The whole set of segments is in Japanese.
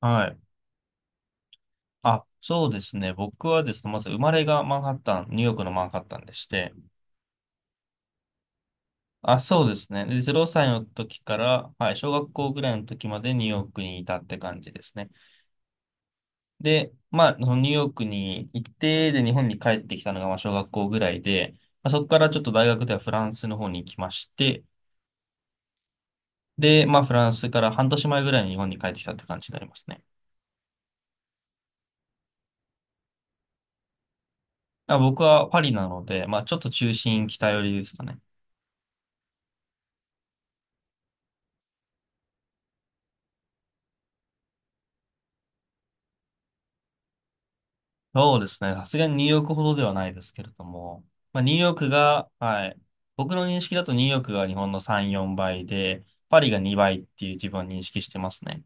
はい。あ、そうですね。僕はですね、まず生まれがマンハッタン、ニューヨークのマンハッタンでして、あ、そうですね。で、0歳の時から、はい、小学校ぐらいの時までニューヨークにいたって感じですね。で、まあ、そのニューヨークに行って、で、日本に帰ってきたのが、まあ、小学校ぐらいで、まあ、そこからちょっと大学ではフランスの方に行きまして、で、まあ、フランスから半年前ぐらいに日本に帰ってきたって感じになりますね。あ、僕はパリなので、まあ、ちょっと中心北寄りですかね。そうですね。さすがにニューヨークほどではないですけれども、まあ、ニューヨークが、はい。僕の認識だとニューヨークが日本の3、4倍で、パリが2倍っていう自分は認識してますね。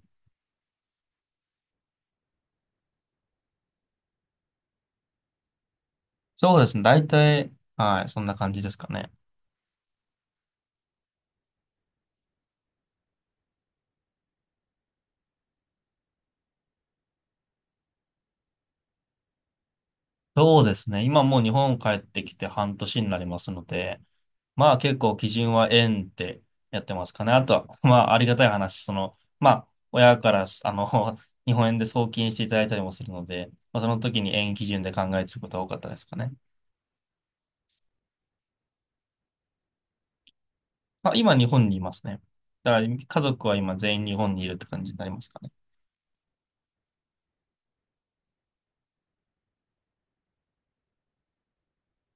そうですね。大体、はい。そんな感じですかね。そうですね。今もう日本帰ってきて半年になりますので、まあ結構基準は円ってやってますかね。あとは、まあありがたい話、その、まあ親から、あの、日本円で送金していただいたりもするので、まあ、その時に円基準で考えてることは多かったですかね。まあ、今日本にいますね。だから家族は今全員日本にいるって感じになりますかね。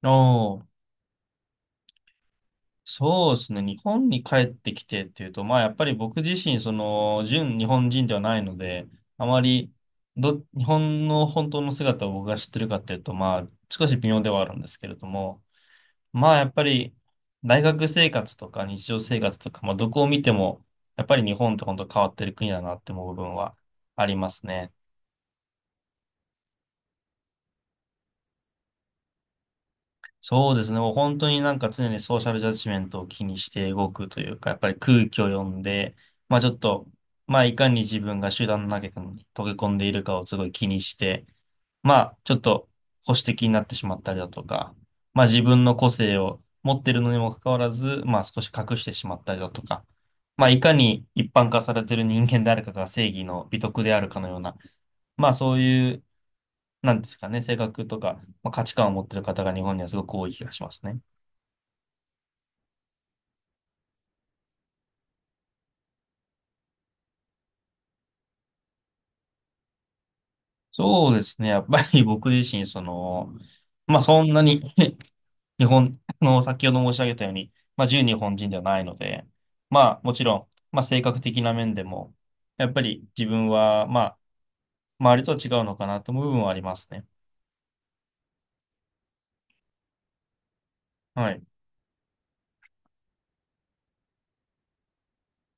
おお、そうですね。日本に帰ってきてっていうと、まあやっぱり僕自身、その、純日本人ではないので、あまり日本の本当の姿を僕が知ってるかっていうと、まあ少し微妙ではあるんですけれども、まあやっぱり大学生活とか日常生活とか、まあどこを見ても、やっぱり日本って本当変わってる国だなって思う部分はありますね。そうですね。もう本当になんか常にソーシャルジャッジメントを気にして動くというか、やっぱり空気を読んで、まあちょっと、まあいかに自分が集団の中に溶け込んでいるかをすごい気にして、まあちょっと保守的になってしまったりだとか、まあ自分の個性を持ってるのにもかかわらず、まあ少し隠してしまったりだとか、まあいかに一般化されてる人間であるかが正義の美徳であるかのような、まあそういう、なんですかね、性格とか、まあ、価値観を持ってる方が日本にはすごく多い気がしますね。そうですね。やっぱり僕自身、その、まあそんなに 日本、あの、先ほど申し上げたように、まあ純日本人ではないので、まあもちろん、まあ性格的な面でも、やっぱり自分は、まあ、周りとは違うのかなと思う部分はありますね。はい。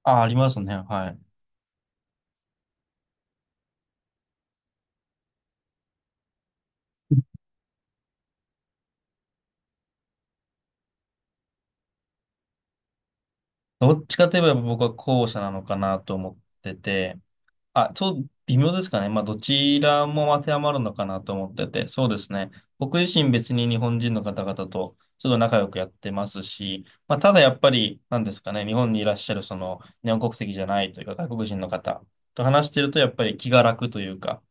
あ、ありますね。はい。どっちかといえば僕は後者なのかなと思ってて、あ、そう、微妙ですかね。まあ、どちらも当てはまるのかなと思ってて、そうですね。僕自身別に日本人の方々とちょっと仲良くやってますし、まあ、ただやっぱり、なんですかね、日本にいらっしゃるその日本国籍じゃないというか外国人の方と話してるとやっぱり気が楽というか、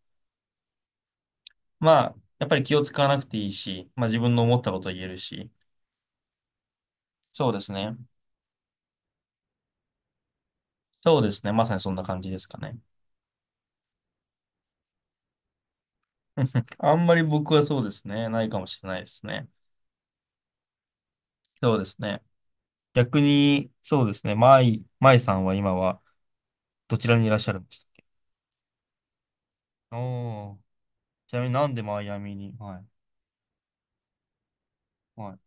まあ、やっぱり気を使わなくていいし、まあ自分の思ったことを言えるし、そうですね。そうですね。まさにそんな感じですかね。あんまり僕はそうですね。ないかもしれないですね。そうですね。逆に、そうですね、マイさんは今はどちらにいらっしゃるんですか？おー、ちなみになんでマイアミに？はい、はい。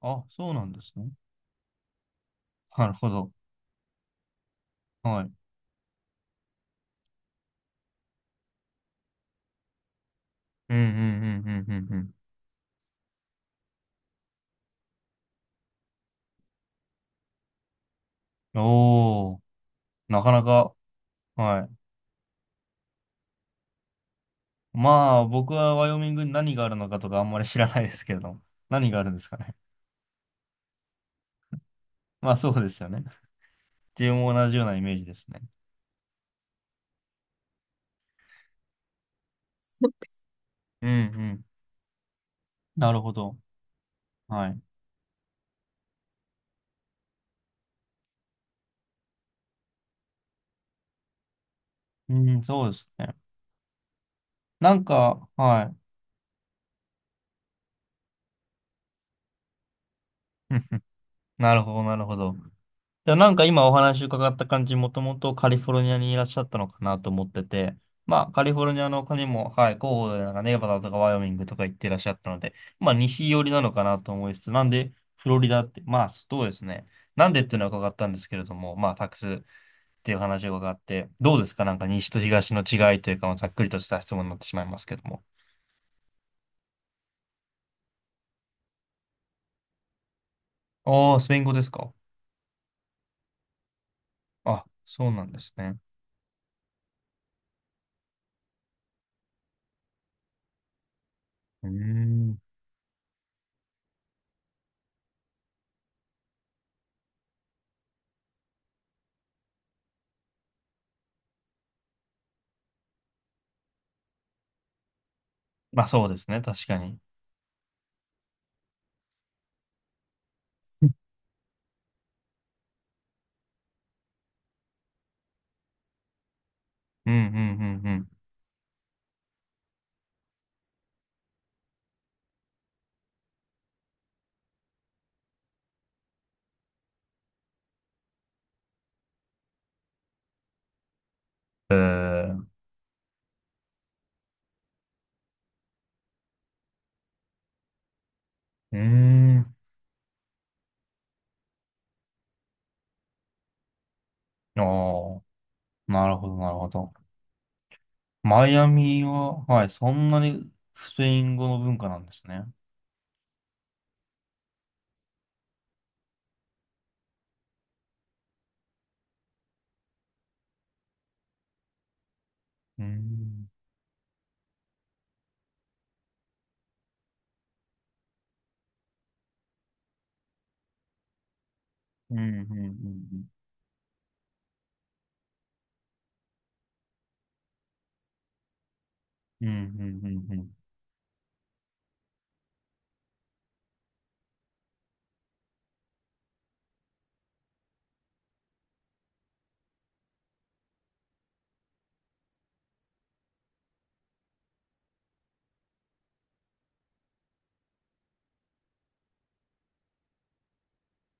あ、そうなんですね。なるほど。はい。うんうんうんうんうんうん。おー、なかなか、はい。まあ、僕はワイオミングに何があるのかとかあんまり知らないですけれども、何があるんですかね。まあ、そうですよね。自分も同じようなイメージですね。うんうん。なるほど。はい。うん、そうですね。なんか、はい。なるほど、なるほど。でもなんか今お話伺った感じ、もともとカリフォルニアにいらっしゃったのかなと思ってて、まあカリフォルニアの他にも、はい、候補でなんかネバダとかワイオミングとか行ってらっしゃったので、まあ西寄りなのかなと思いつつ、なんでフロリダって、まあそうですね。なんでっていうのは伺ったんですけれども、まあタックスっていう話を伺って、どうですかなんか西と東の違いというか、まあざっくりとした質問になってしまいますけども。ああ、スペイン語ですか？あ、そうなんですね。うーん。まあそうですね、確かに。うんうんうんうん。えーうーん。ああ、なるほど、なるほど。マイアミは、はい、そんなにスペイン語の文化なんですね。うーん。うん、うん、うん、うん。うん、うん、うん。うん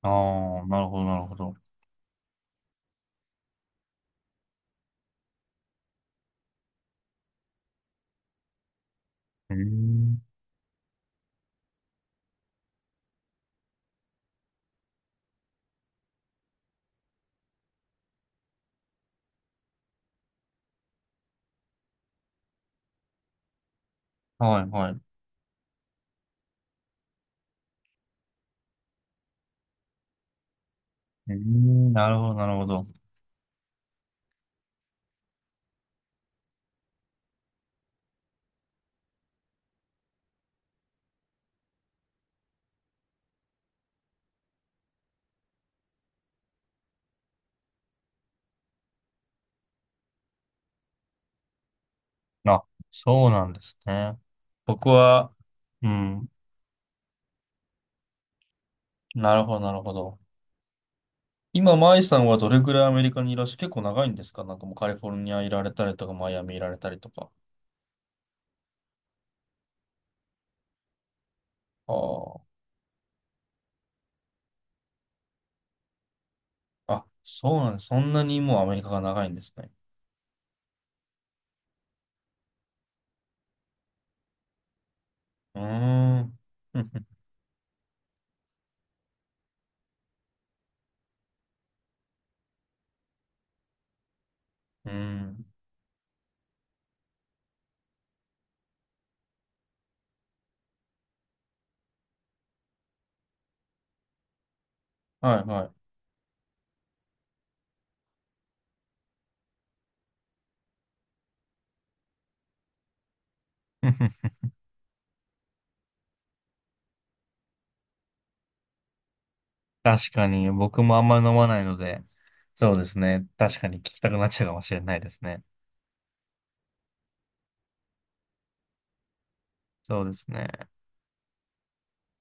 ああ、なるほど、なるほど。うーん。はい、はい。うーん、なるほど、なるほど。あ、そうなんですね。僕は、うん、なるほど、なるほど。今、マイさんはどれぐらいアメリカにいらっしゃ、結構長いんですか？なんかもうカリフォルニアいられたりとか、マイアミいられたりとか。ああ。あ、そうなんです。そんなにもうアメリカが長いんですね。うーん。ふんふんうーん。はいはい。ふんふん確かに、僕もあんまり飲まないので、そうですね。確かに聞きたくなっちゃうかもしれないですね。そうですね。